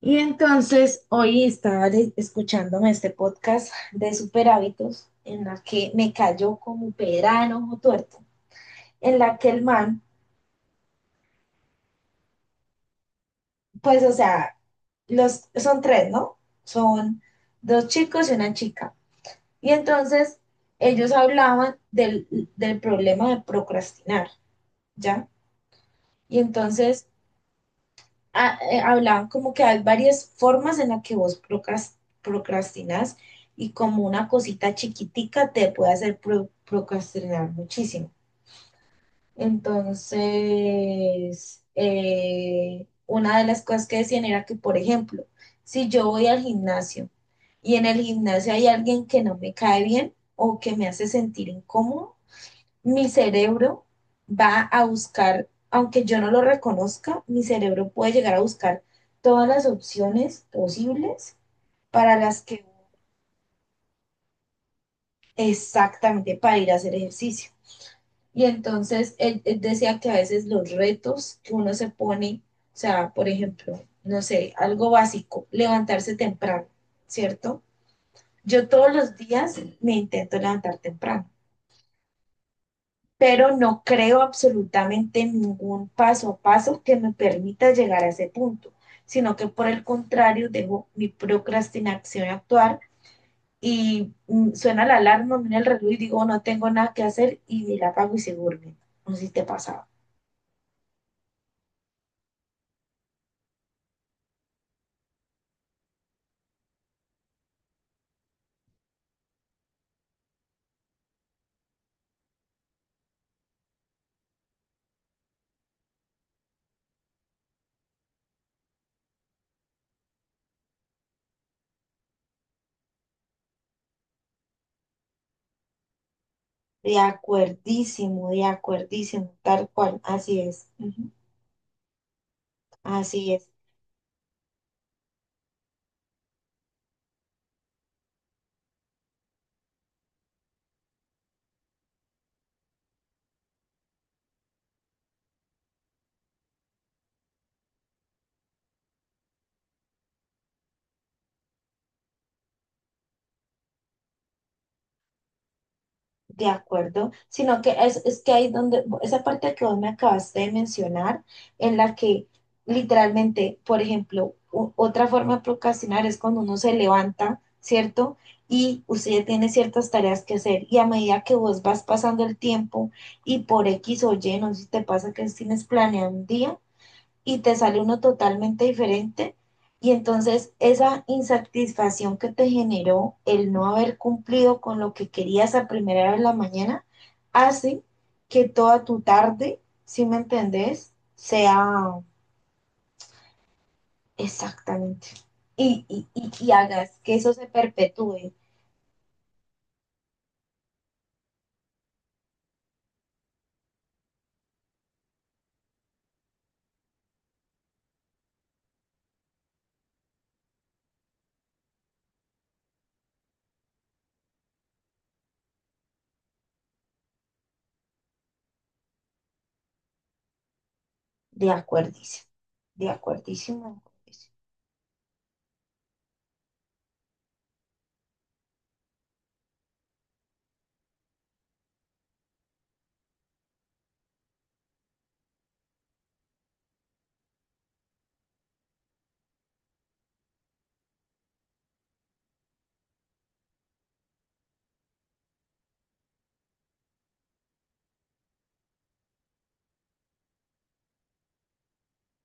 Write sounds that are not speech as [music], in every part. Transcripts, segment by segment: Y entonces hoy estaba escuchándome este podcast de super hábitos en la que me cayó como pera en ojo tuerto, en la que el man, pues o sea, los, son tres, ¿no? Son dos chicos y una chica. Y entonces ellos hablaban del problema de procrastinar, ¿ya? Y entonces hablaban como que hay varias formas en las que vos procrastinas y como una cosita chiquitica te puede hacer procrastinar muchísimo. Entonces, una de las cosas que decían era que, por ejemplo, si yo voy al gimnasio y en el gimnasio hay alguien que no me cae bien o que me hace sentir incómodo, mi cerebro va a buscar, aunque yo no lo reconozca, mi cerebro puede llegar a buscar todas las opciones posibles para las que exactamente para ir a hacer ejercicio. Y entonces él decía que a veces los retos que uno se pone, o sea, por ejemplo, no sé, algo básico, levantarse temprano, ¿cierto? Yo todos los días me intento levantar temprano pero no creo absolutamente en ningún paso a paso que me permita llegar a ese punto, sino que por el contrario dejo mi procrastinación actuar y suena la alarma, mira el reloj y digo no tengo nada que hacer y me la apago y se duerme. No sé si te pasaba. De acuerdísimo, tal cual, así es, ujú, así es. De acuerdo, sino que es que ahí donde, esa parte que vos me acabaste de mencionar, en la que literalmente, por ejemplo, otra forma de procrastinar es cuando uno se levanta, ¿cierto? Y usted ya tiene ciertas tareas que hacer y a medida que vos vas pasando el tiempo y por X o Y, no sé si te pasa que tienes planeado un día y te sale uno totalmente diferente. Y entonces esa insatisfacción que te generó el no haber cumplido con lo que querías a primera hora de la mañana hace que toda tu tarde, si me entendés, sea exactamente. Y hagas que eso se perpetúe. De acuerdísimo, de acuerdísimo, de acuerdísimo.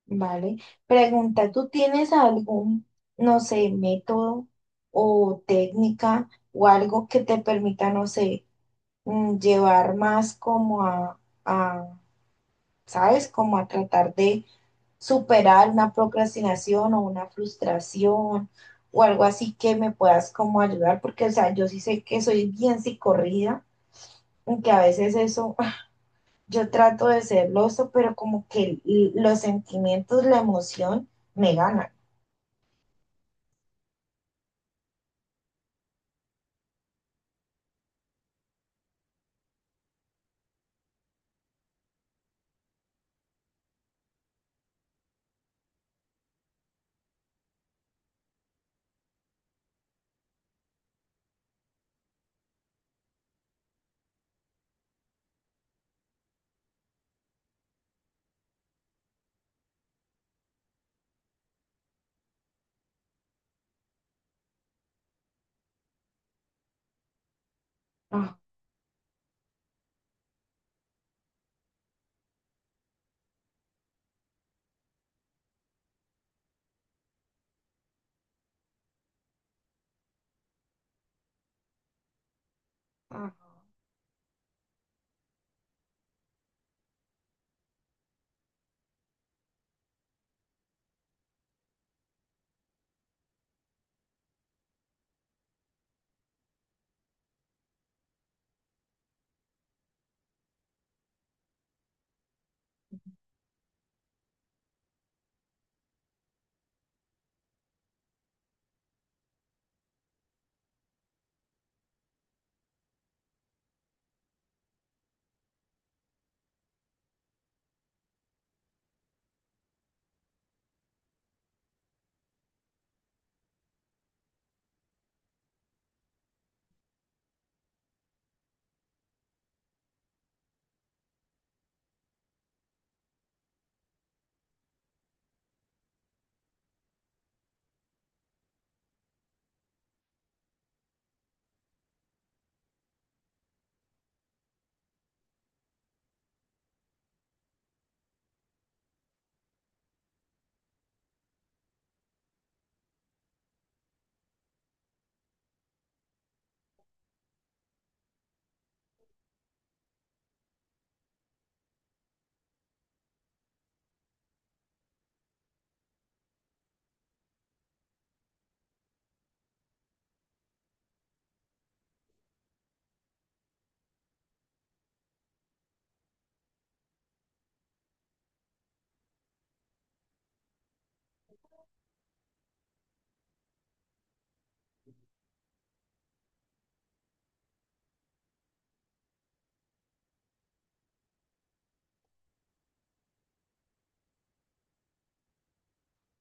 Vale. Pregunta, ¿tú tienes algún, no sé, método o técnica o algo que te permita, no sé, llevar más como a, ¿sabes? Como a tratar de superar una procrastinación o una frustración o algo así que me puedas como ayudar, porque, o sea, yo sí sé que soy bien psicorrida, aunque a veces eso, [laughs] yo trato de ser loso, pero como que los sentimientos, la emoción me ganan.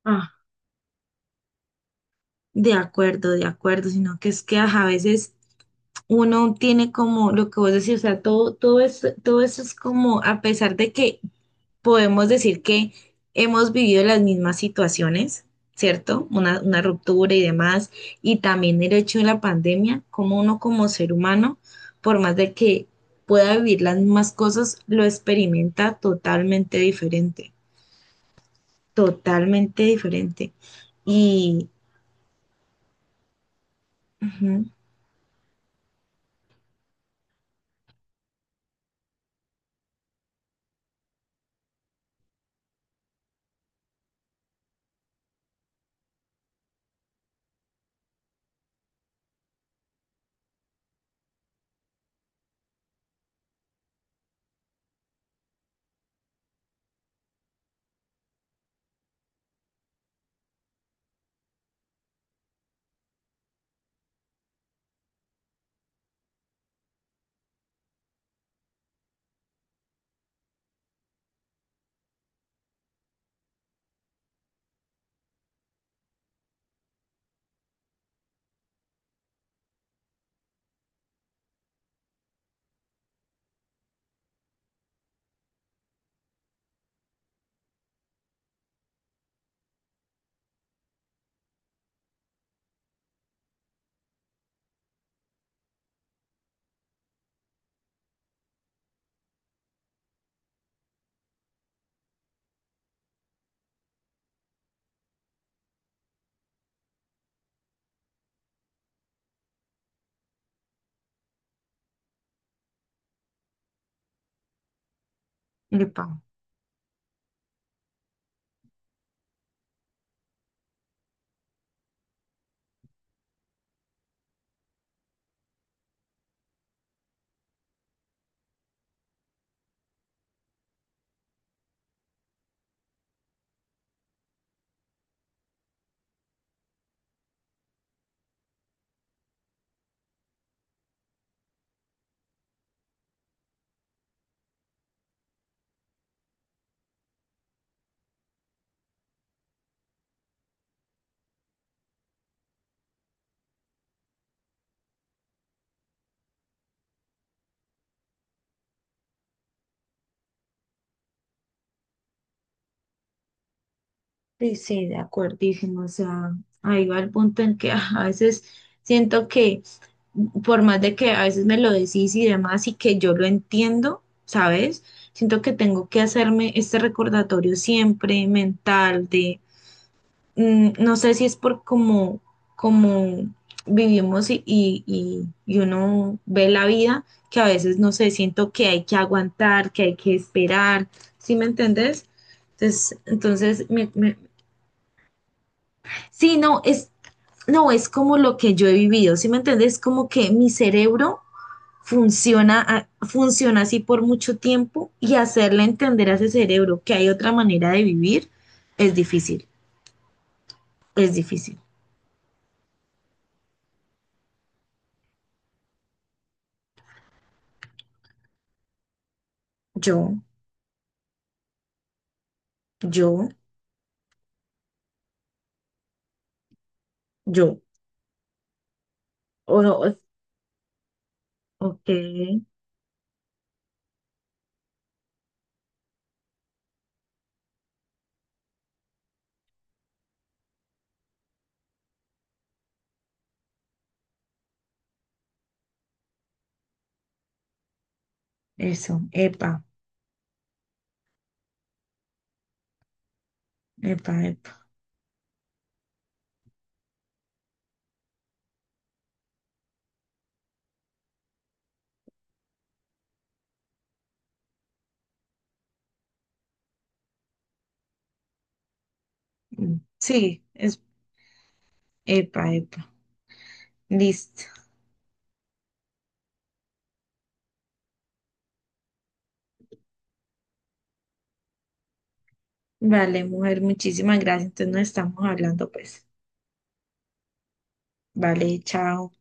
Ah, de acuerdo, sino que es que ajá, a veces uno tiene como lo que vos decís, o sea, todo eso todo eso es como, a pesar de que podemos decir que hemos vivido las mismas situaciones, ¿cierto? Una ruptura y demás, y también el hecho de la pandemia, como uno como ser humano, por más de que pueda vivir las mismas cosas, lo experimenta totalmente diferente, totalmente diferente. Y, ujú, epa. Sí, sí, de acuerdísimo. O sea, ahí va el punto en que [laughs] ah, a veces siento que, por más de que a veces me lo decís y demás, y que yo lo entiendo, ¿sabes? Siento que tengo que hacerme este recordatorio siempre mental de, no sé si es por cómo vivimos y uno ve la vida, que a veces, no sé, siento que hay que aguantar, que hay que esperar, ¿sí me entendés? Entonces, entonces sí, es, no, es como lo que yo he vivido, ¿sí me entiendes? Como que mi cerebro funciona, funciona así por mucho tiempo y hacerle entender a ese cerebro que hay otra manera de vivir es difícil, es difícil. Yo, yo, yo. O no, ok, eso, epa. Sí, es epa, epa. Listo. Vale, mujer, muchísimas gracias. Entonces nos estamos hablando, pues. Vale, chao.